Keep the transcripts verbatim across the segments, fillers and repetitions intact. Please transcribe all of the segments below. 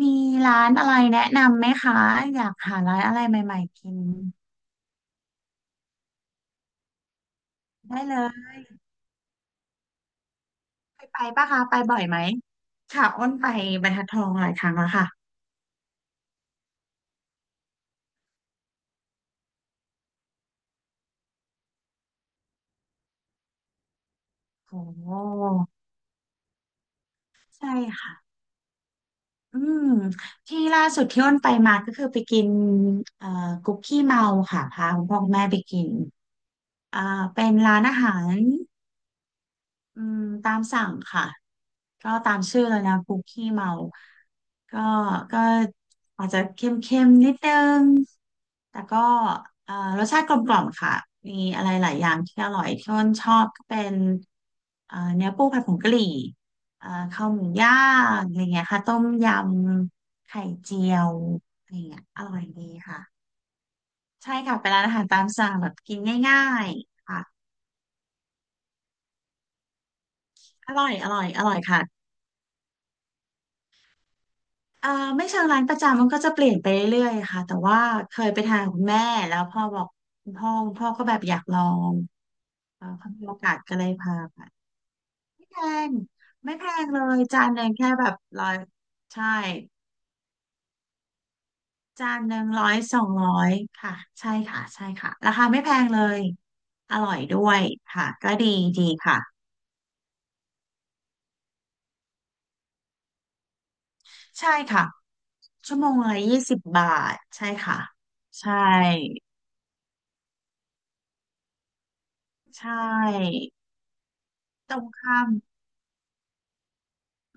มีร้านอะไรแนะนำไหมคะอยากหาร้านอะไรใหม่ๆกินได้เลยไปไปปะคะไปบ่อยไหมค่ะอ้นไปบรรทัดทองหลายครั้งแล้วค่ะโอ้ใช่ค่ะอืมที่ล่าสุดที่อ้นไปมาก็คือไปกินเอ่อคุกกี้เมาค่ะพาคุณพ่อคุณแม่ไปกินอ่าเป็นร้านอาหารอืมตามสั่งค่ะ ก็ตามชื่อเลยนะคุกขี้เมาก็ก็อาจจะเค็มๆนิดนึงแต่ก็เอ่อรสชาติกลมกล่อมค่ะ มีอะไรหลายอย่างที่อร่อยที่อ้นชอบก็เป็นเอ่อเนื้อปูผัดผงกะหรี่เอ่อข้าวหมูย่างอะไรเงี้ยค่ะต้มยำไข่เจียวอะไรเงี้ยอร่อยดีค่ะ ใช่ค่ะเป็นร้านอาหารตามสั่งแบบกินง่ายๆค่ะอร่อยอร่อยอร่อยค่ะ เอ่อไม่เชิงร้านประจำมันก็จะเปลี่ยนไปเรื่อยๆค่ะแต่ว่าเคยไปทานกับคุณแม่แล้วพ่อบอกคุณพ่อคุณพ่อก็แบบอยากลองเอ่อเขามีโอกาสก็เลยพาไปไม่แพงไม่แพงเลยจานหนึ่งแค่แบบร้อยใช่จานหนึ่งร้อยสองร้อยค่ะใช่ค่ะใช่ค่ะราคาไม่แพงเลยอร่อยด้วยค่ะก็ดีดีค่ะใช่ค่ะชั่วโมงละยี่สิบบาทใช่ค่ะใช่ใช่ตรงข้าม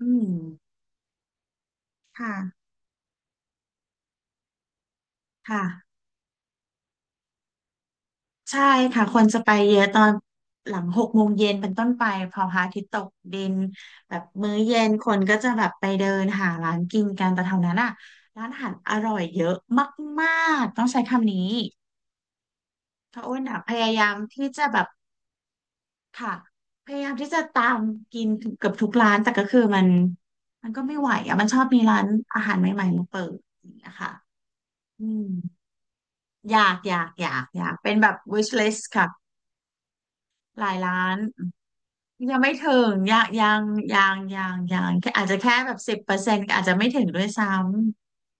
อืม ค่ะค่ะใช่ค่ะคนจะไปเยอะตอนหลังหกโมงเย็นเป็นต้นไปพอพระอาทิตย์ตกดินแบบมื้อเย็นคนก็จะแบบไปเดินหาร้านกินกันแต่แถวนั้นอ่ะร้านอาหารอร่อยเยอะมากๆต้องใช้คำนี้พระอ้วนอ่ะพยายามที่จะแบบค่ะพยายามที่จะตามกินเกือบทุกร้านแต่ก็คือมันมันก็ไม่ไหวอ่ะมันชอบมีร้านอาหารใหม่ๆมาเปิดนะคะอืมอยากอยากอยากอยากเป็นแบบ wish list ค่ะหลายร้าน ยังไม่ถึงยังยังยังยังยังแค่อาจจะแค่แบบสิบเปอร์เซ็นต์อาจจะไม่ถึงด้วยซ้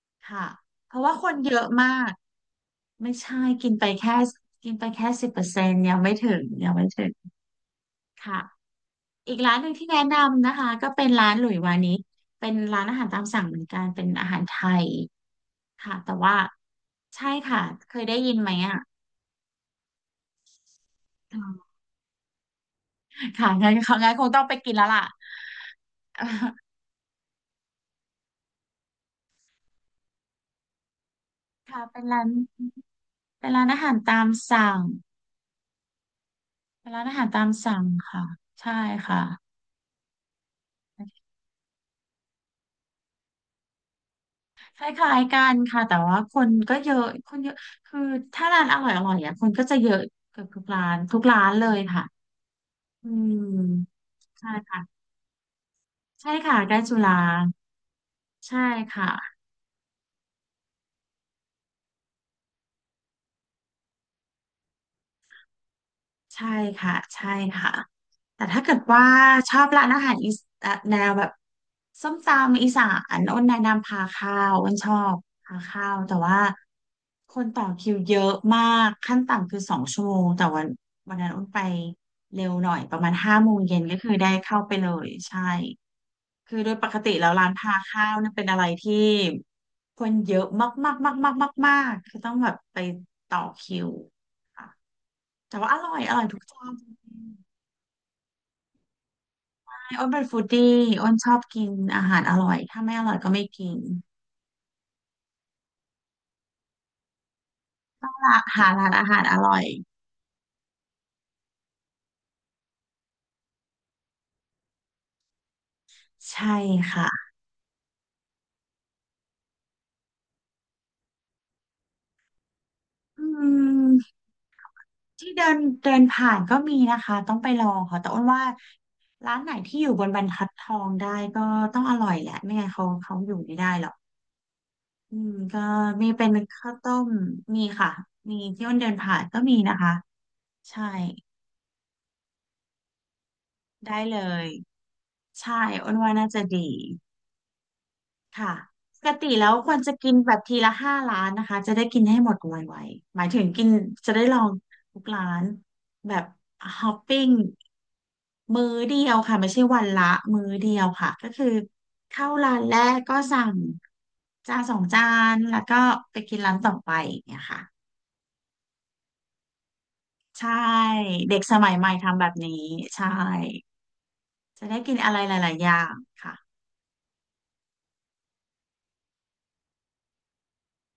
ำค่ะเพราะว่าคนเยอะมากไม่ใช่กินไปแค่กินไปแค่สิบเปอร์เซ็นต์ยังไม่ถึงยังไม่ถึงค่ะอีกร้านหนึ่งที่แนะนำนะคะก็เป็นร้านหลุยวานิชเป็นร้านอาหารตามสั่งเหมือนกันเป็นอาหารไทยค่ะแต่ว่าใช่ค่ะเคยได้ยินไหมอ่ะค่ะงั้นงั้นคงต้องไปกินแล้วล่ะ ค่ะเป็นร้านเป็นร้านอาหารตามสั่ง ร้านอาหารตามสั่งค่ะใช่ค่ะคล้ายๆกันค่ะแต่ว่าคนก็เยอะคนเยอะคือถ้าร้านอร่อยอร่อยอ่ะคนก็จะเยอะเกือบทุกร้านทุกร้านเลยค่ะอืมใช่ค่ะใช่ค่ะใกล้จุฬาใช่ค่ะ ใช่ค่ะใช่ค่ะแต่ถ้าเกิดว่าชอบร้านอาหารอีสเอ่อแนวแบบส้มตำอีสานอ้นแนะนำพาข้าวอ้นชอบพาข้าวแต่ว่าคนต่อคิวเยอะมากขั้นต่ำคือสองชั่วโมงแต่วันวันนั้นอ้นไปเร็วหน่อยประมาณห้าโมงเย็นก็คือได้เข้าไปเลยใช่คือโดยปกติแล้วร้านพาข้าวเนี่ยเป็นอะไรที่คนเยอะมากมากมากมากมากๆคือต้องแบบไปต่อคิว แต่ว่าอร่อยอร่อยทุกจานจริงๆใช่อ้นเป็นฟู้ดดี้อ้นชอบกินอาหารอร่อยถ้าไม่อร่อยก็ไม่กินหาร้านอาหารอร่อยใช่ค่ะอืมที่เดินเดินผ่านก็มีนะคะต้องไปลองค่ะแต่อ้นว่าร้านไหนที่อยู่บนบรรทัดทองได้ก็ต้องอร่อยแหละไม่งั้นเขาเขาอยู่ไม่ได้หรอกอืมก็มีเป็นข้าวต้มมีค่ะมีที่อ้นเดินผ่านก็มีนะคะใช่ได้เลยใช่อ้นว่าน่าจะดี ค่ะปกติแล้วควรจะกินแบบทีละห้าร้านนะคะจะได้กินให้หมดไวๆหมายถึงกินจะได้ลองทุกร้านแบบฮอปปิ้งมื้อเดียวค่ะไม่ใช่วันละมื้อเดียวค่ะก็คือเข้าร้านแรกก็สั่งจานสองจานแล้วก็ไปกินร้านต่อไปอย่างเนี่ยค่ะใช่เด็กสมัยใหม่ทำแบบนี้ใช่จะได้กินอะไรหลายๆอย่างค่ะ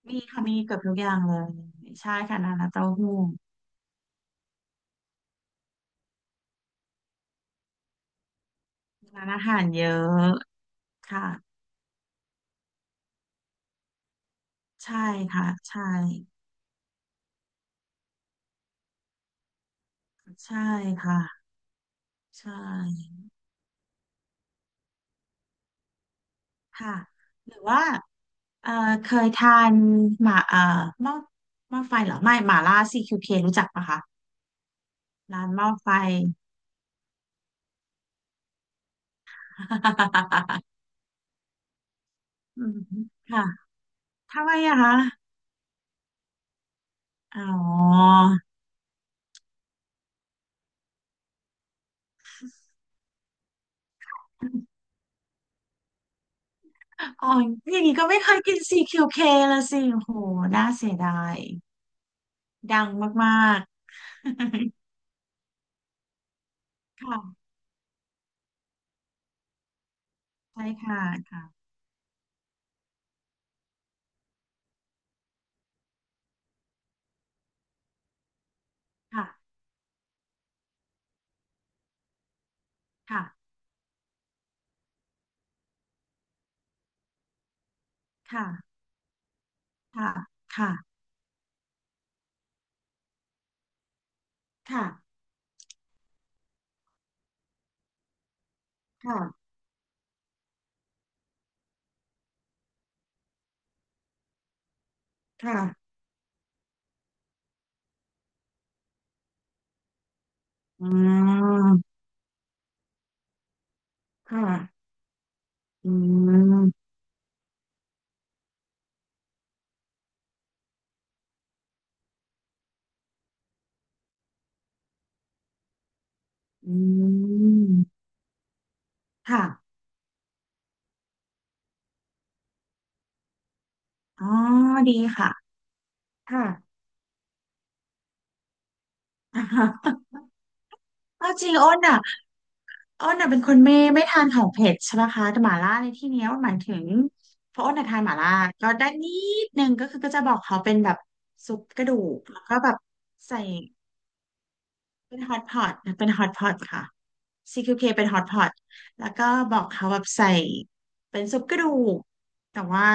มีค่ะมีเกือบทุกอย่างเลยใช่ค่ะนานาเต้าหู้ ร้านอาหารเยอะค่ะใช่ค่ะใช่ใช่ค่ะใช่ค่ะหรือว่าเอ่อเคยทานหมาเอ่อหม้อหม้อไฟเหรอไม่หม่าล่า ซี คิว เค รู้จักปะคะร้านหม้อไฟ อืมค่ะทำไมอะคะอ๋ออ๋ออย่างนี้ก็ไม่เคยกิน ซี คิว เค ละสิโหน่าเสียดายดังมากๆ ค่ะใช่ค่ะค่ะค่ะค่ะค่ะ ค่ะค่ะค่ะค่ะค่ะอืมค่ะอืมอืมค่ะอ๋อดีค่ะค่ะ อ่าฮะเอาจริงอ้นอ่ะอ้นอ่ะเป็นคนไม่ไม่ทานของเผ็ดใช่ไหมคะแต่หม่าล่าในที่เนี้ยมันหมายถึงเพราะอ้นอ่ะทานหม่าล่าก็ได้นิดนึงก็คือก็จะบอกเขาเป็นแบบซุปกระดูกแล้วก็แบบใส่เป็นฮอตพอตเป็นฮอตพอตค่ะ ซี คิว เค เคเป็นฮอตพอตแล้วก็บอกเขาแบบใส่เป็นซุปกระดูก แต่ว่า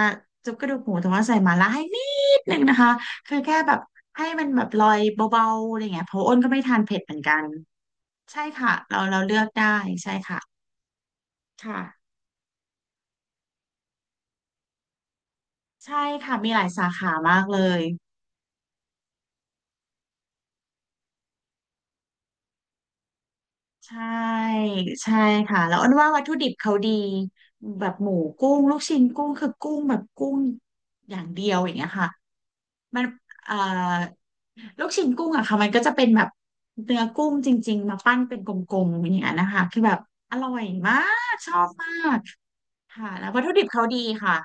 ซุปกระดูกหมูแต่ว่าใส่หมาล่าให้นิดนึงนะคะคือแค่แบบให้มันแบบลอยเบาๆอะไรเงี้ยเพราะอ้นก็ไม่ทานเผ็ดเหมือนกัน ใช่ค่ะ เราเราเลือกได้ใช่ค่ะค่ะ ใช่ค่ะ มีหลายสาขามากเลย ใช่ใช่ค่ะแล้วอ้นว่าวัตถุดิบเขาดีแบบหมูกุ้งลูกชิ้นกุ้งคือกุ้งแบบกุ้งอย่างเดียวอย่างเงี้ยค่ะ มันเอ่อลูกชิ้นกุ้งอะค่ะมันก็จะเป็นแบบเนื้อกุ้งจริงๆมาปั้นเป็นกลมๆอย่างเงี้ยนะคะคือแบบอร่อยมากชอบมากค่ะแล้ววัตถุดิบเขาดีค่ะ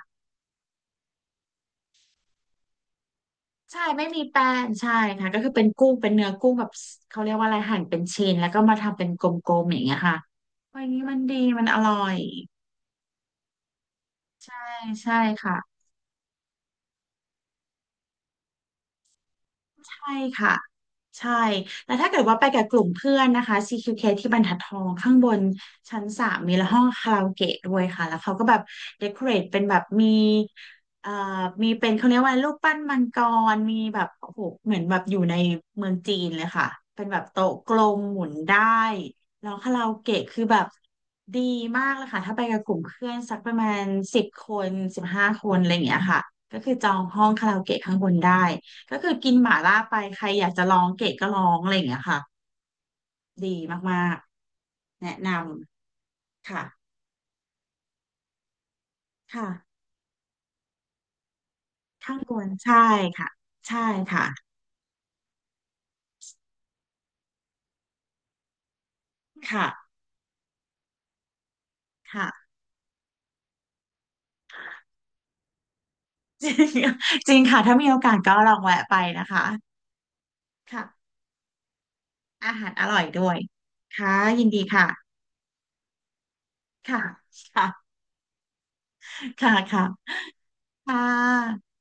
ใช่ไม่มีแป้งใช่ค่ะก็คือเป็นกุ้งเป็นเนื้อกุ้งแบบเขาเรียกว่าอะไรหั่นเป็นชิ้นแล้วก็มาทำเป็นกลมๆอย่างเงี้ยค่ะวันนี้มันดีมันอร่อยใช่ใช่ค่ะ ใช่ค่ะใช่แต่ถ้าเกิดว่าไปกับกลุ่มเพื่อนนะคะ ซี คิว เค ที่บรรทัดทองข้างบนชั้นสามมีห้องคาราโอเกะด้วยค่ะแล้วเขาก็แบบเดคอเรทเป็นแบบมีเอ่อมีเป็นเขาเรียกว่าอะไรรูปปั้นมังกรมีแบบโอ้โหเหมือนแบบอยู่ในเมืองจีนเลยค่ะเป็นแบบโต๊ะกลมหมุนได้แล้วคาราโอเกะคือแบบดีมากเลยค่ะถ้าไปกับกลุ่มเพื่อนสักประมาณสิบคนสิบห้าคนอะไรอย่างเงี้ยค่ะก็คือจองห้องคาราโอเกะข้างบนได้ ก็คือกินหม่าล่าไปใครอยากจะลองเกรดก็ลองอะไรอย่างเงี้ยค่ะดีมากๆแนะนำค่ะค่ะข้างบนใช่ค่ะใช่ค่ะค่ะค่ะ จริงจริงค่ะถ้ามีโอกาสก็ลองแวะไปนะคะค่ะอาหารอร่อยด้วยค่ะยินดีค่ะค่ะค่ะค่ะค่ะค่ะ